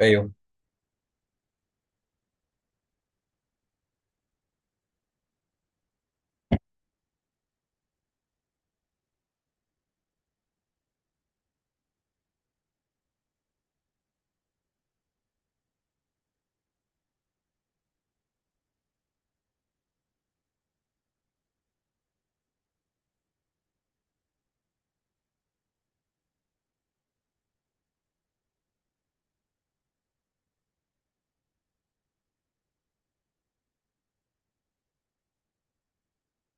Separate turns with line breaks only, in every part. ايوه.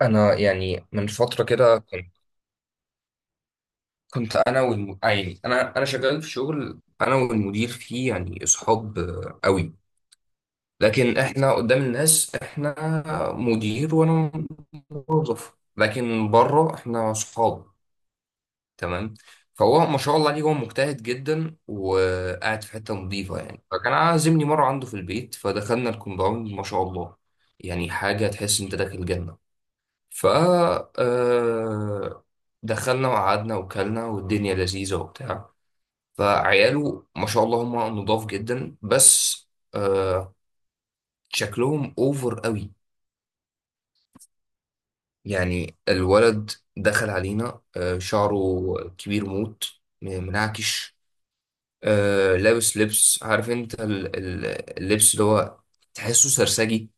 انا يعني من فتره كده كنت انا والم... آه يعني انا شغال في شغل انا والمدير فيه يعني اصحاب قوي. لكن احنا قدام الناس احنا مدير وانا موظف، لكن بره احنا اصحاب. تمام. فهو ما شاء الله عليه، هو مجتهد جدا وقاعد في حته نظيفه، يعني فكان عازمني مره عنده في البيت، فدخلنا الكومباوند ما شاء الله، يعني حاجه تحس انت داخل جنه. ف آه، دخلنا وقعدنا وكلنا والدنيا لذيذة وبتاع. فعياله ما شاء الله هم نضاف جدا، بس آه، شكلهم اوفر قوي. يعني الولد دخل علينا، شعره كبير موت، منعكش، لابس لبس، عارف انت اللبس اللي هو تحسه سرسجي.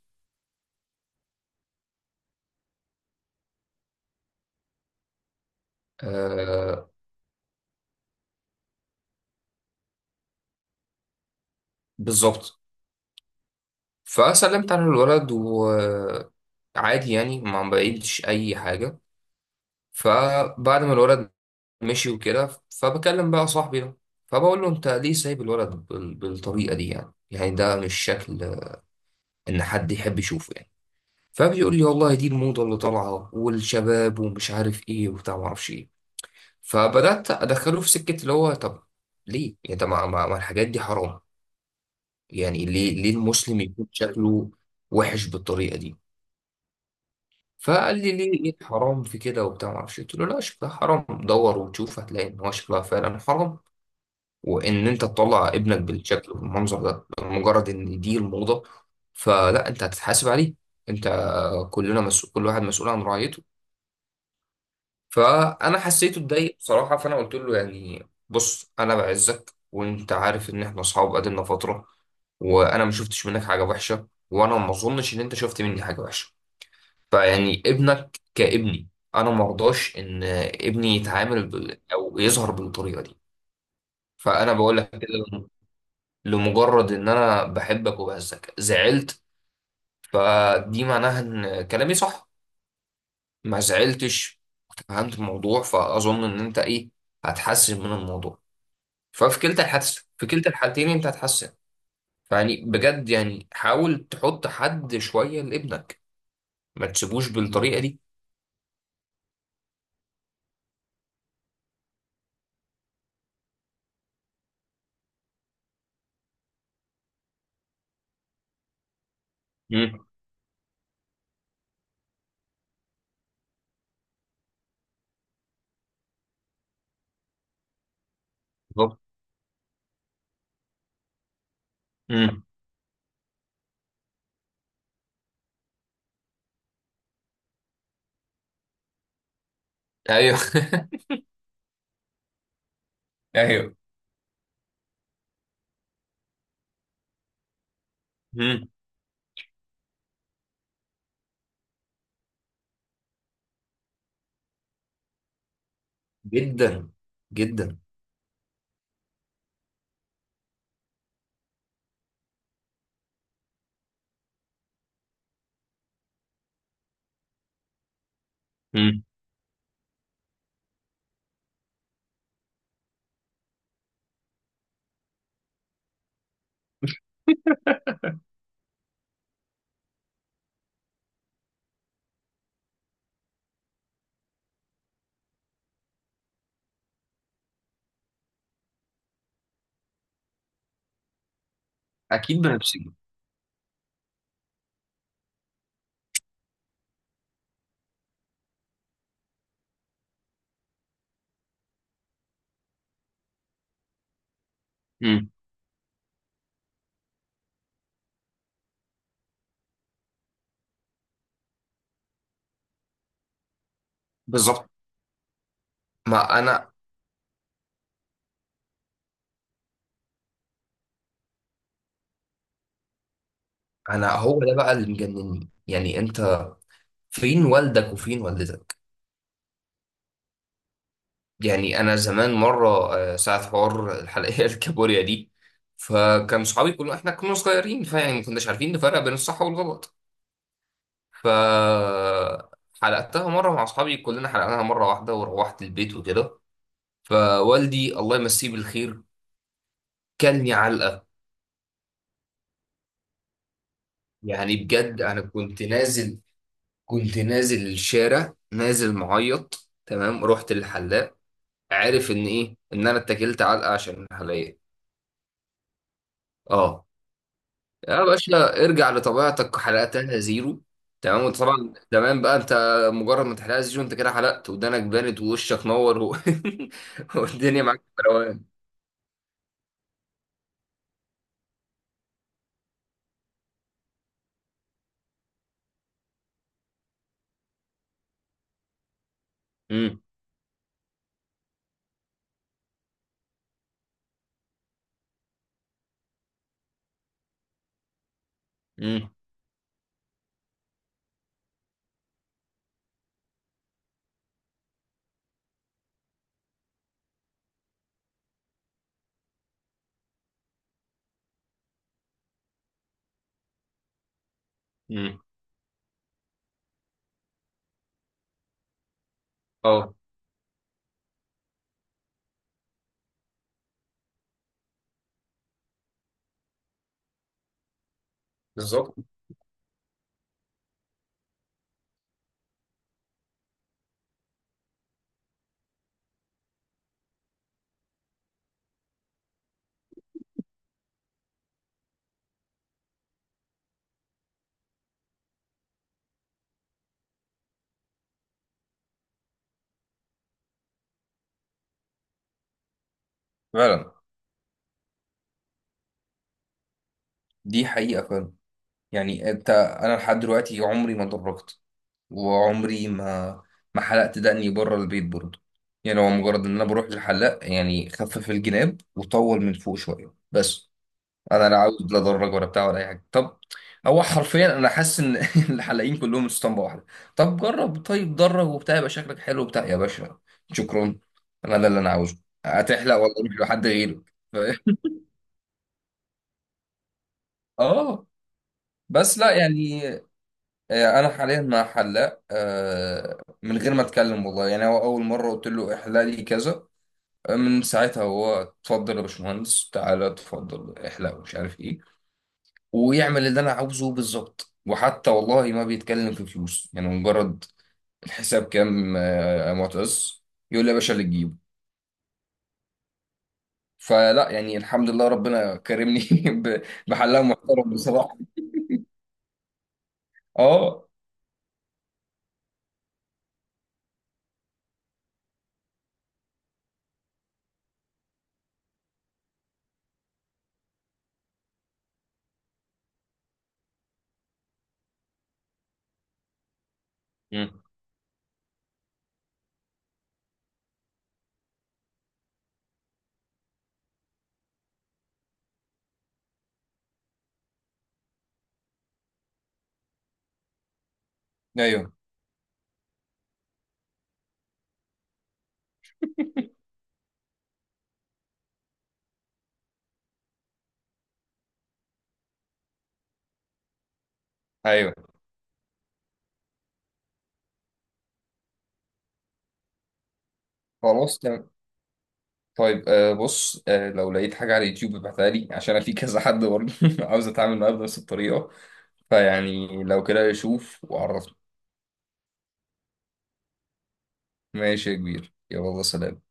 آه، بالظبط. فسلمت على الولد وعادي يعني ما بعيدش اي حاجة. فبعد ما الولد مشي وكده، فبكلم بقى صاحبي ده، فبقول له انت ليه سايب الولد بالطريقه دي؟ يعني يعني ده مش شكل ان حد يحب يشوفه يعني. فبيقول لي والله دي الموضه اللي طالعه والشباب ومش عارف ايه وبتاع ما اعرفش ايه. فبدات ادخله في سكه اللي هو طب ليه؟ يعني طب ما الحاجات دي حرام؟ يعني ليه؟ ليه المسلم يكون شكله وحش بالطريقه دي؟ فقال لي ليه؟ ايه الحرام في كده وبتاع ما اعرفش إيه. قلت له لا شكلها حرام، دور وتشوف، هتلاقي ان هو شكلها فعلا حرام. وان انت تطلع ابنك بالشكل والمنظر ده مجرد ان دي الموضة، فلا، انت هتتحاسب عليه. انت، كلنا مسؤول، كل واحد مسؤول عن رعيته. فانا حسيته اتضايق بصراحة، فانا قلت له يعني بص، انا بعزك وانت عارف ان احنا اصحاب قدنا فترة، وانا ما شفتش منك حاجة وحشة، وانا ما اظنش ان انت شفت مني حاجة وحشة. فيعني ابنك كابني، انا ما ارضاش ان ابني يتعامل او يظهر بالطريقة دي. فانا بقول لك كده لمجرد ان انا بحبك. وبهزك زعلت، فدي معناها ان كلامي صح. ما زعلتش فهمت الموضوع، فاظن ان انت ايه، هتحسن من الموضوع. ففي كلتا الحادثه، في كلتا الحالتين انت هتحسن. فيعني بجد يعني حاول تحط حد شويه لابنك، ما تسيبوش بالطريقه دي. امم. بالظبط. امم. ايوه. ايوه. امم. جدا. جدا. امم. اكيد بنفسي. امم. بالظبط. ما انا انا هو ده بقى اللي مجنني، يعني انت فين والدك وفين والدتك؟ يعني انا زمان مره ساعه حوار الحلقيه الكابوريا دي، فكان صحابي كلهم احنا كنا صغيرين، فيعني ما كناش عارفين نفرق بين الصح والغلط. ف حلقتها مره مع اصحابي كلنا، حلقناها مره واحده وروحت البيت وكده. فوالدي الله يمسيه بالخير كلني علقه. يعني بجد انا كنت نازل الشارع نازل معيط. تمام، رحت للحلاق، عارف ان ايه، ان انا اتكلت علقه عشان الحلقيه. اه. يا باشا ارجع لطبيعتك، حلقتها زيرو. تمام. وطبعا زمان بقى انت مجرد ما تحلقها زيرو انت كده حلقت، ودانك بانت ووشك نور والدنيا معاك في روقان. امم. امم. امم. اه. بالظبط. فعلا. دي حقيقة فعلا. يعني انت، انا لحد دلوقتي عمري ما اتدرجت، وعمري ما حلقت دقني بره البيت برضه. يعني هو مجرد ان انا بروح للحلاق، يعني خفف الجناب وطول من فوق شويه بس. انا لا عاوز لا ادرج ولا بتاع ولا اي حاجه. طب هو حرفيا انا حاسس ان الحلاقين كلهم اسطمبه واحده. طب جرب طيب درج وبتاع يبقى شكلك حلو وبتاع يا باشا. شكرا، انا ده اللي انا عاوزه. هتحلق ولا اروح لحد غيرك؟ ف- اه. بس لا يعني. انا حاليا مع حلاق من غير ما اتكلم والله، يعني هو اول مره قلت له احلق لي كذا، من ساعتها هو اتفضل يا باشمهندس تعالى اتفضل احلق ومش عارف ايه، ويعمل اللي انا عاوزه بالظبط. وحتى والله ما بيتكلم في فلوس يعني مجرد الحساب كام يا معتز، يقول لي يا باشا اللي تجيبه. فلا يعني الحمد لله ربنا كرمني ب- بحلاق محترم بصراحه. اه. مم. ايوه. ايوه. خلاص. طيب آه بص، آه لو لقيت حاجة على اليوتيوب ابعتها لي، عشان أنا في كذا حد برضه عاوز أتعامل معاه بنفس الطريقة. فيعني لو كده شوف وعرفني. ماشي يا كبير، يلا سلام.